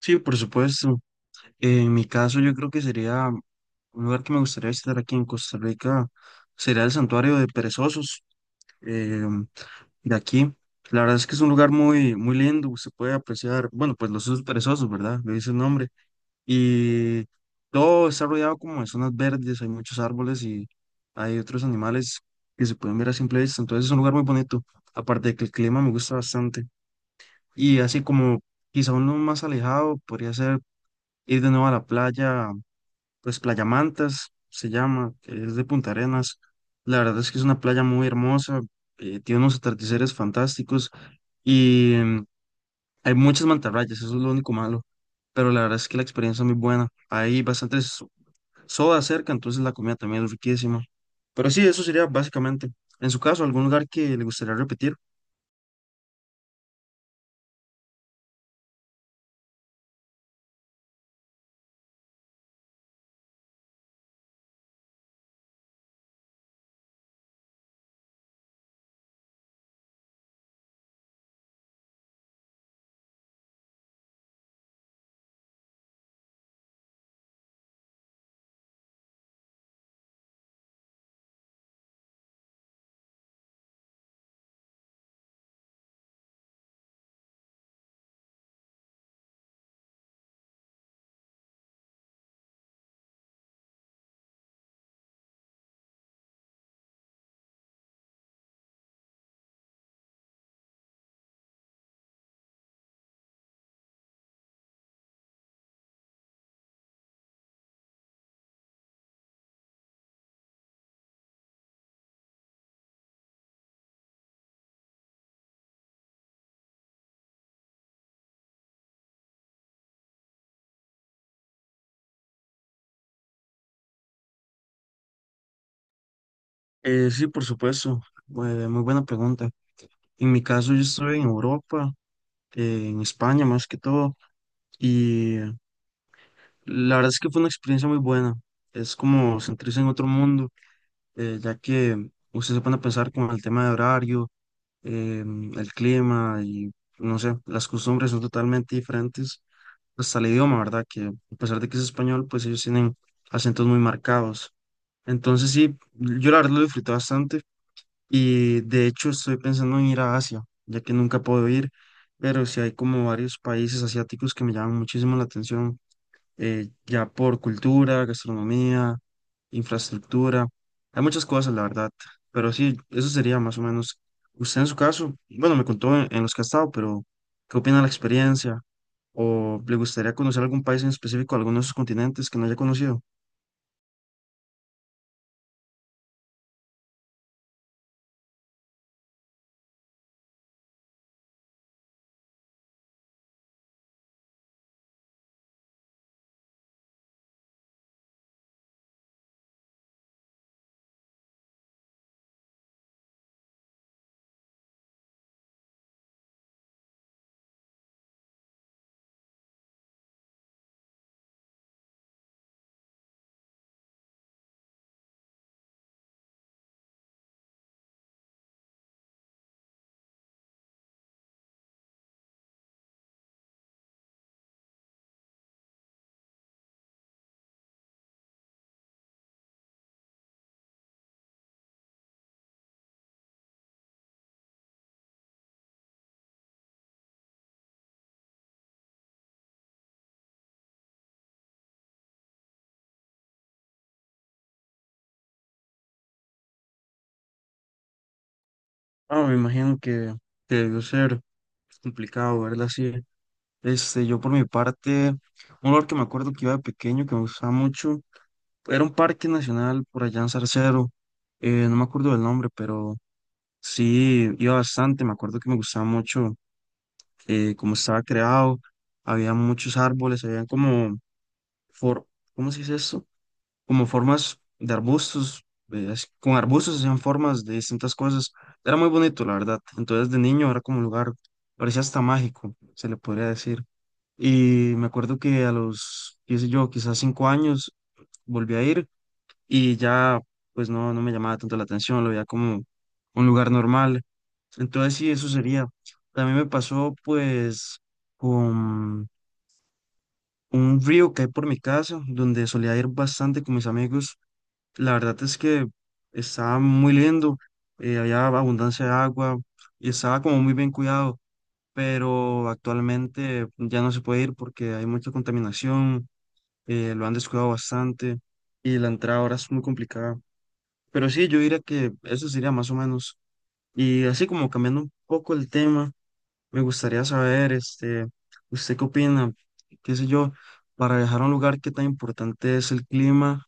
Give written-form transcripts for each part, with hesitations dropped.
Sí, por supuesto. En mi caso, yo creo que sería un lugar que me gustaría visitar aquí en Costa Rica, sería el Santuario de Perezosos eh, de aquí. La verdad es que es un lugar muy, muy lindo, se puede apreciar, bueno, pues los osos perezosos, ¿verdad? Le dice el nombre. Y todo está rodeado como de zonas verdes, hay muchos árboles y hay otros animales que se pueden ver a simple vista. Entonces es un lugar muy bonito, aparte de que el clima me gusta bastante. Y así como quizá uno más alejado, podría ser ir de nuevo a la playa, pues Playa Mantas se llama, que es de Punta Arenas. La verdad es que es una playa muy hermosa, tiene unos atardeceres fantásticos y hay muchas mantarrayas, eso es lo único malo, pero la verdad es que la experiencia es muy buena. Hay bastantes sodas cerca, entonces la comida también es riquísima. Pero sí, eso sería básicamente. En su caso, ¿algún lugar que le gustaría repetir? Sí, por supuesto. Muy buena pregunta. En mi caso, yo estoy en Europa, en España más que todo. Y la verdad es que fue una experiencia muy buena. Es como sentirse en otro mundo, ya que usted se pone a pensar con el tema de horario, el clima y no sé, las costumbres son totalmente diferentes. Hasta el idioma, ¿verdad? Que a pesar de que es español, pues ellos tienen acentos muy marcados. Entonces sí, yo la verdad lo disfruté bastante y de hecho estoy pensando en ir a Asia, ya que nunca puedo ir, pero sí hay como varios países asiáticos que me llaman muchísimo la atención ya por cultura, gastronomía, infraestructura. Hay muchas cosas, la verdad. Pero sí, eso sería más o menos. Usted en su caso, bueno, me contó en los que ha estado, pero ¿qué opina de la experiencia? ¿O le gustaría conocer algún país en específico, alguno de esos continentes que no haya conocido? Ah, me imagino que debió ser complicado, ¿verdad? Sí. Este, yo por mi parte, un lugar que me acuerdo que iba de pequeño, que me gustaba mucho. Era un parque nacional por allá en Zarcero, no me acuerdo del nombre, pero sí, iba bastante, me acuerdo que me gustaba mucho cómo estaba creado, había muchos árboles, for, ¿cómo se dice esto? Como formas de arbustos, con arbustos hacían formas de distintas cosas, era muy bonito, la verdad, entonces de niño era como un lugar, parecía hasta mágico, se le podría decir, y me acuerdo que a los, qué sé yo, quizás cinco años volví a ir y ya pues no me llamaba tanto la atención, lo veía como un lugar normal. Entonces sí, eso sería. También me pasó pues con un río que hay por mi casa, donde solía ir bastante con mis amigos. La verdad es que estaba muy lindo, había abundancia de agua y estaba como muy bien cuidado, pero actualmente ya no se puede ir porque hay mucha contaminación, lo han descuidado bastante y la entrada ahora es muy complicada. Pero sí, yo diría que eso sería más o menos. Y así como cambiando un poco el tema, me gustaría saber, este, ¿usted qué opina? ¿Qué sé yo? Para viajar a un lugar, ¿qué tan importante es el clima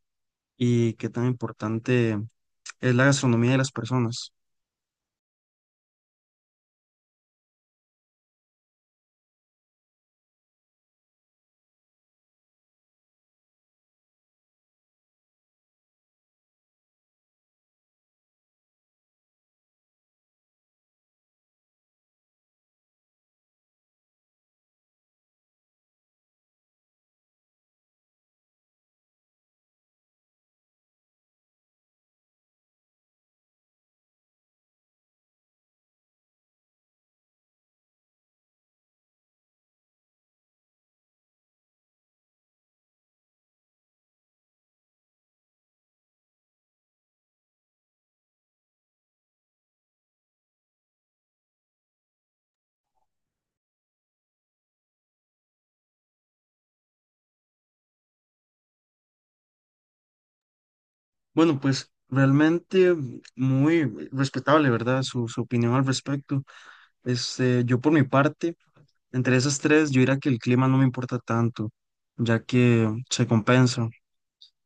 y qué tan importante es la gastronomía de las personas? Bueno, pues realmente muy respetable, ¿verdad? Su opinión al respecto. Este, yo por mi parte, entre esas tres, yo diría que el clima no me importa tanto, ya que se compensa.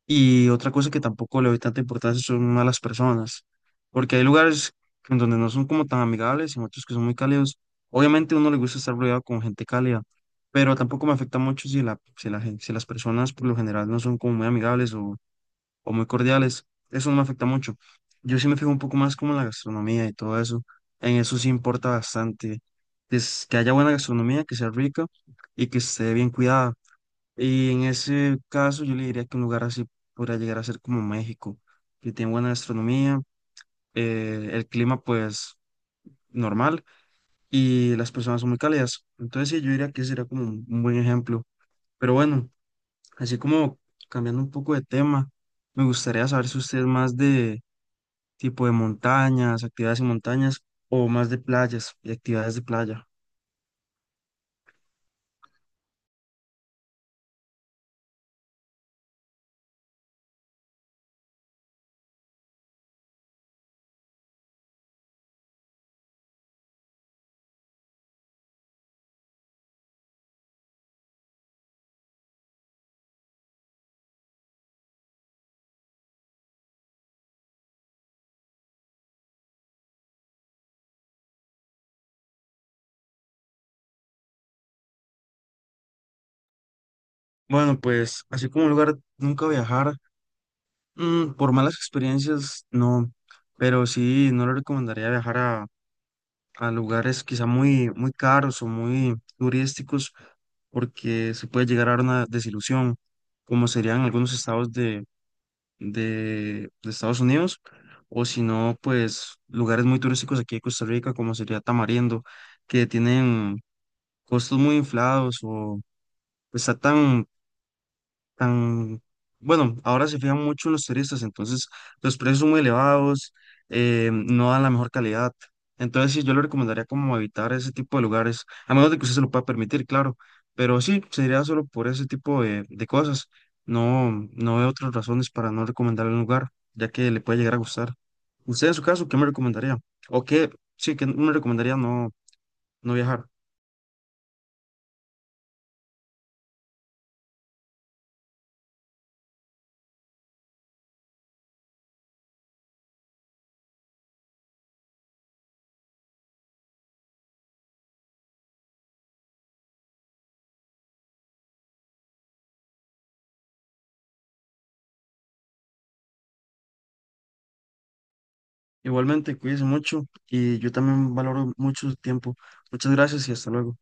Y otra cosa que tampoco le doy tanta importancia son malas personas, porque hay lugares en donde no son como tan amigables y muchos que son muy cálidos. Obviamente a uno le gusta estar rodeado con gente cálida, pero tampoco me afecta mucho si las personas por lo general no son como muy amigables o muy cordiales. Eso no me afecta mucho. Yo sí me fijo un poco más como en la gastronomía y todo eso. En eso sí importa bastante. Es que haya buena gastronomía, que sea rica y que esté bien cuidada y en ese caso yo le diría que un lugar así podría llegar a ser como México, que tiene buena gastronomía, el clima pues normal y las personas son muy cálidas. Entonces sí, yo diría que ese sería como un buen ejemplo. Pero bueno, así como cambiando un poco de tema, me gustaría saber si usted es más de tipo de montañas, actividades en montañas o más de playas y actividades de playa. Bueno, pues así como un lugar nunca viajar. Mm, por malas experiencias, no, pero sí, no le recomendaría viajar a lugares quizá muy, muy caros o muy turísticos porque se puede llegar a dar una desilusión, como serían algunos estados de Estados Unidos, o si no, pues lugares muy turísticos aquí de Costa Rica, como sería Tamarindo, que tienen costos muy inflados o pues, tan, bueno, ahora se fijan mucho en los turistas, entonces los precios son muy elevados, no dan la mejor calidad. Entonces sí, yo le recomendaría como evitar ese tipo de lugares, a menos de que usted se lo pueda permitir, claro, pero sí, sería solo por ese tipo de cosas. No, no veo otras razones para no recomendarle un lugar, ya que le puede llegar a gustar. Usted en su caso, ¿qué me recomendaría? ¿O qué, sí, que me recomendaría no viajar? Igualmente, cuídese mucho y yo también valoro mucho su tiempo. Muchas gracias y hasta luego.